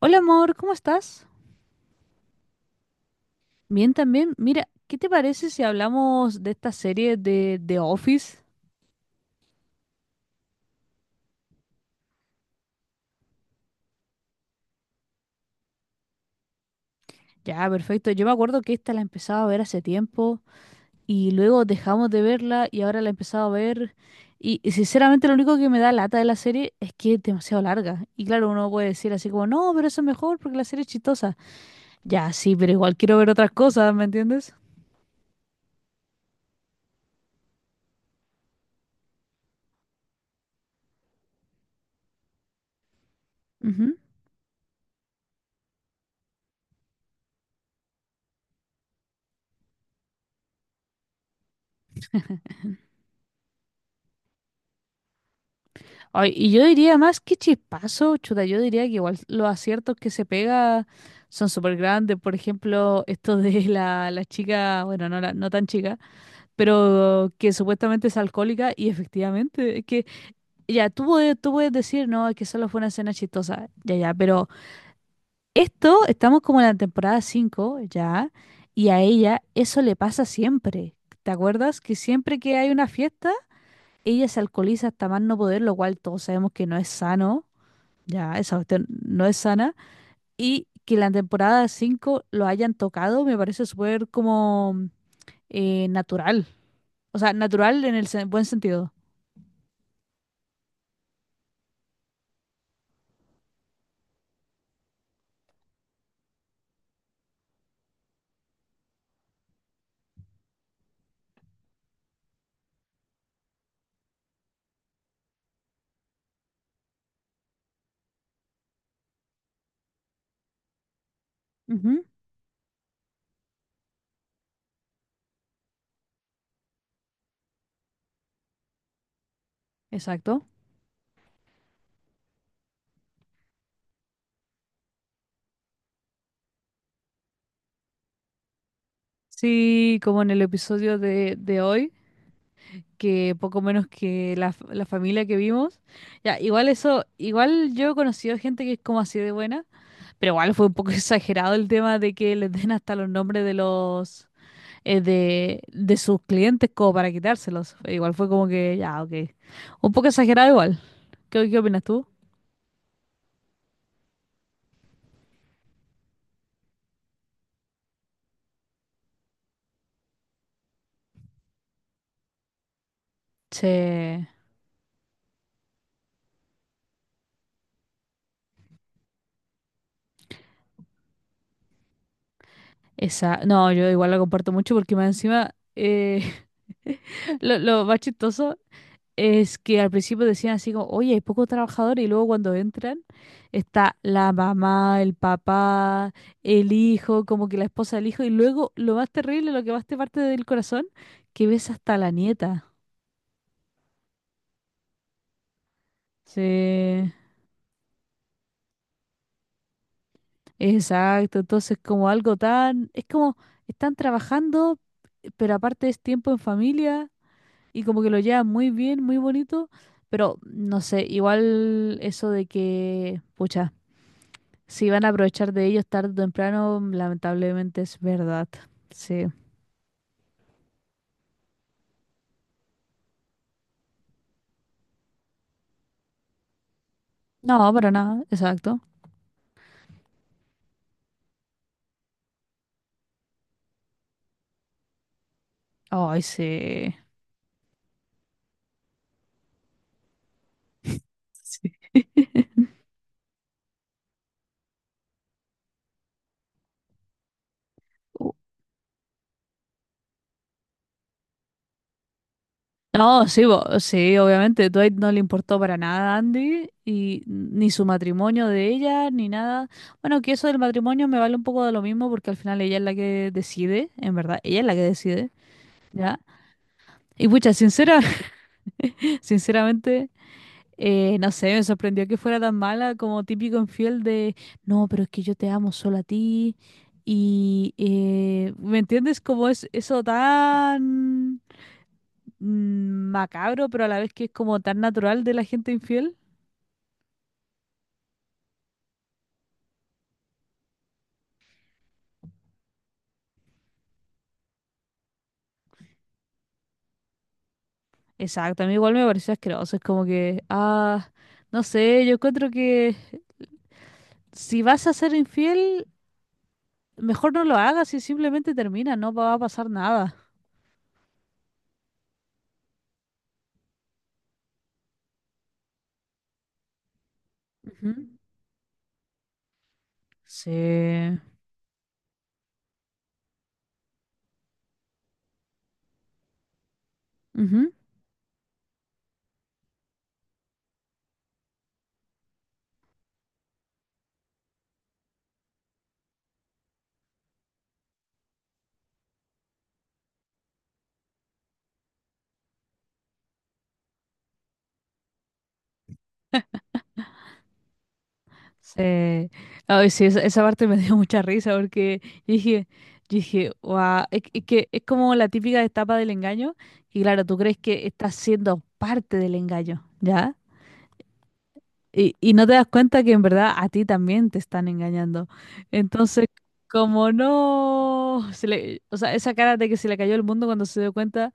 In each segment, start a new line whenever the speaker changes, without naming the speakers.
Hola amor, ¿cómo estás? Bien también. Mira, ¿qué te parece si hablamos de esta serie de The Office? Ya, perfecto. Yo me acuerdo que esta la empezaba a ver hace tiempo y luego dejamos de verla y ahora la he empezado a ver. Y sinceramente lo único que me da lata de la serie es que es demasiado larga. Y claro, uno puede decir así como, no, pero eso es mejor porque la serie es chistosa. Ya, sí, pero igual quiero ver otras cosas, ¿me entiendes? Ujú. Ay, y yo diría más que chispazo, chuta, yo diría que igual los aciertos que se pega son súper grandes. Por ejemplo, esto de la chica, bueno, no, no tan chica, pero que supuestamente es alcohólica y efectivamente, es que ya, tú puedes decir, no, es que solo fue una escena chistosa, ya, ya, pero estamos como en la temporada 5 ya, y a ella eso le pasa siempre. ¿Te acuerdas que siempre que hay una fiesta, ella se alcoholiza hasta más no poder, lo cual todos sabemos que no es sano? Ya, esa cuestión no es sana. Y que la temporada 5 lo hayan tocado me parece súper como natural. O sea, natural en el buen sentido. Ujú, exacto. Sí, como en el episodio de hoy, que poco menos que la, la familia que vimos. Ya, igual eso, igual yo he conocido gente que es como así de buena, pero igual fue un poco exagerado el tema de que les den hasta los nombres de los... de sus clientes como para quitárselos. Igual fue como que, ya, ok. Un poco exagerado igual. ¿ qué opinas tú? Che, esa... No, yo igual la comparto mucho porque más encima lo más chistoso es que al principio decían así como, oye, hay pocos trabajadores y luego cuando entran está la mamá, el papá, el hijo, como que la esposa del hijo y luego lo más terrible, lo que más te parte del corazón, que ves hasta la nieta. Sí. Exacto, entonces como algo tan, es como están trabajando, pero aparte es tiempo en familia y como que lo llevan muy bien, muy bonito, pero no sé, igual eso de que, pucha, si van a aprovechar de ellos tarde o temprano, lamentablemente es verdad. Sí. No, para nada, exacto. Ay, sí. Sí. No, sí, sí, obviamente. Dwight no le importó para nada a Andy, y ni su matrimonio de ella, ni nada. Bueno, que eso del matrimonio me vale un poco de lo mismo, porque al final ella es la que decide, en verdad, ella es la que decide, ¿ya? Y pucha, sinceramente, no sé, me sorprendió que fuera tan mala como típico infiel de, no, pero es que yo te amo solo a ti. Y, ¿me entiendes? Como es eso tan macabro, pero a la vez que es como tan natural de la gente infiel. Exacto, a mí igual me pareció asqueroso. Es como que, ah, no sé, yo encuentro que si vas a ser infiel, mejor no lo hagas y simplemente termina, no va a pasar nada. Ujú. Sí. Ujú. Sí. Ay, sí, esa parte me dio mucha risa porque yo dije, yo dije, wow, es que es como la típica etapa del engaño, y claro, tú crees que estás siendo parte del engaño, ¿ya? Y no te das cuenta que en verdad a ti también te están engañando. Entonces, como no, o sea, esa cara de que se le cayó el mundo cuando se dio cuenta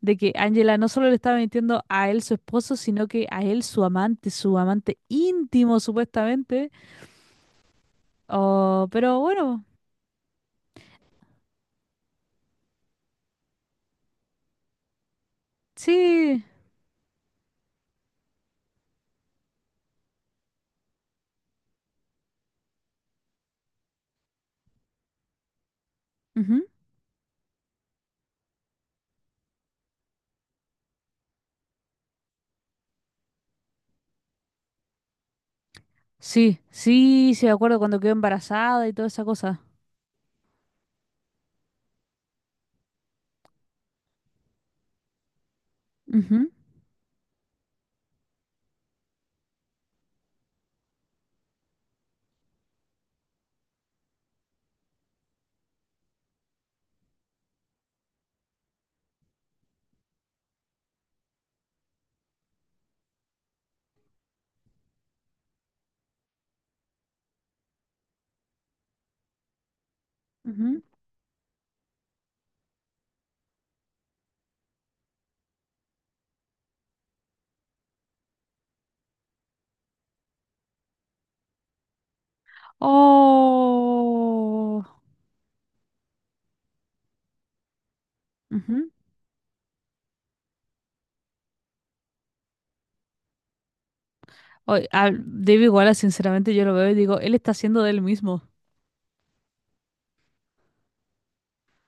de que Angela no solo le estaba mintiendo a él, su esposo, sino que a él, su amante íntimo, supuestamente. Oh, pero bueno, sí. Ujú. Sí, sí, sí, me acuerdo cuando quedó embarazada y toda esa cosa. Ujú, ujú. Oh. Ujú. O- a David Wallace, sinceramente, yo lo veo y digo, él está haciendo de él mismo.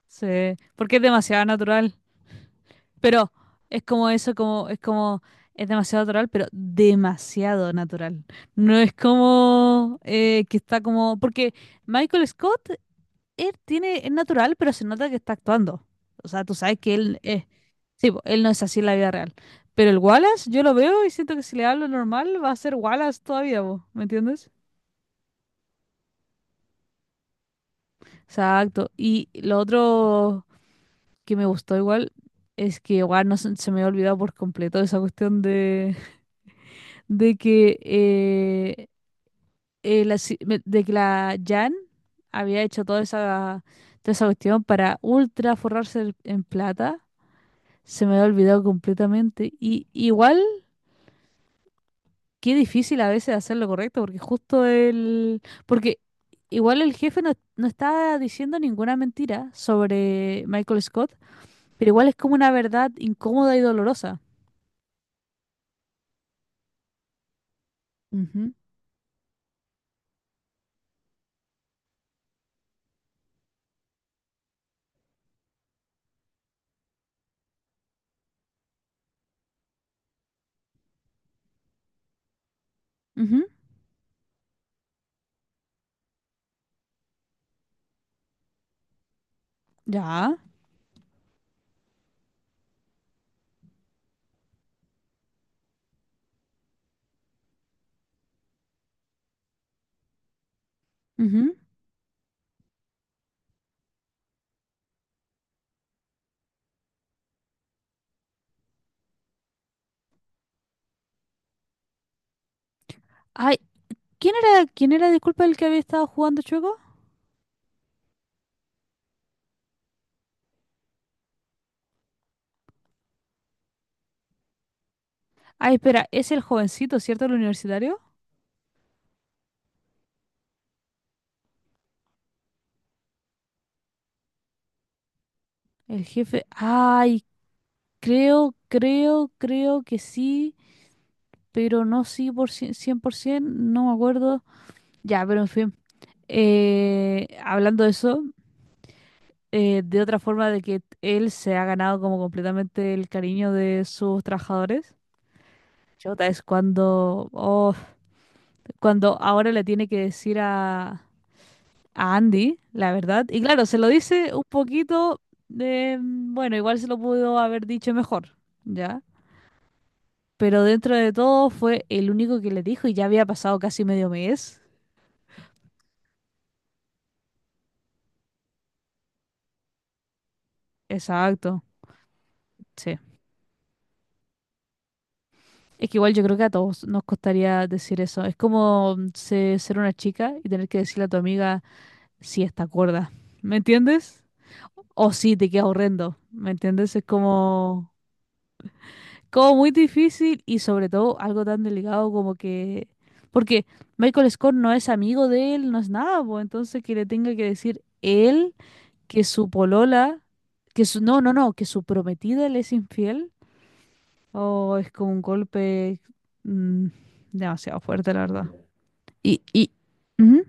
Porque es demasiado natural. Pero es como eso, es como, es demasiado natural, pero demasiado natural. No es como que está como. Porque Michael Scott, es natural, pero se nota que está actuando. O sea, tú sabes que él es. Sí, po, él no es así en la vida real. Pero el Wallace, yo lo veo y siento que si le hablo normal, va a ser Wallace todavía, po, ¿me entiendes? Exacto. Y lo otro. Que me gustó igual es que igual no se, se me había olvidado por completo esa cuestión de que la, si- me- de que la Jan había hecho toda esa cuestión para ultra forrarse en plata. Se me había olvidado completamente. Y igual, qué difícil a veces hacer lo correcto, porque justo el... Porque igual el jefe no está diciendo ninguna mentira sobre Michael Scott, pero igual es como una verdad incómoda y dolorosa. Ujú. Ya. Ujú. Ay, ¿quién era, disculpa, el que había estado jugando chueco? Ay, espera, es el jovencito, ¿cierto? El universitario. El jefe. Ay, creo que sí, pero no sí por 100%, no me acuerdo. Ya, pero en fin. Hablando de eso, de otra forma de que él se ha ganado como completamente el cariño de sus trabajadores. Chota, es cuando, oh, cuando ahora le tiene que decir a Andy, la verdad. Y claro, se lo dice un poquito de, mm, bueno, igual se lo pudo haber dicho mejor, ¿ya? Pero dentro de todo fue el único que le dijo y ya había pasado casi medio mes. Exacto, sí. Es que igual yo creo que a todos nos costaría decir eso. Es como mm, ser una chica y tener que decirle a tu amiga si está cuerda. ¿Me entiendes? O si te queda horrendo. ¿Me entiendes? Es como... como muy difícil y sobre todo algo tan delicado como que... Porque Michael Scott no es amigo de él, no es nada, pues entonces que le tenga que decir él que su polola, que su... No, no, no, que su prometida le es infiel, o es como un golpe mm, demasiado fuerte, la verdad. Y... Ujú.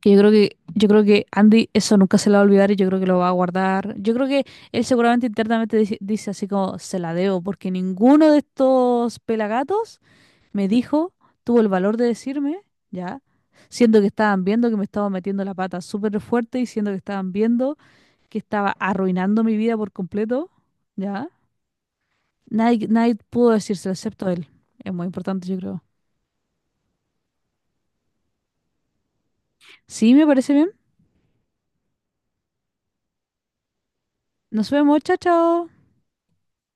Que yo creo que, yo creo que Andy eso nunca se lo va a olvidar y yo creo que lo va a guardar. Yo creo que él seguramente internamente dice así como se la debo, porque ninguno de estos pelagatos me dijo, tuvo el valor de decirme, ya, siendo que estaban viendo que me estaba metiendo la pata súper fuerte y siendo que estaban viendo que estaba arruinando mi vida por completo, ya. Nadie, nadie pudo decírselo excepto él. Es muy importante, yo creo. Sí, me parece bien. Nos vemos, chao, chao.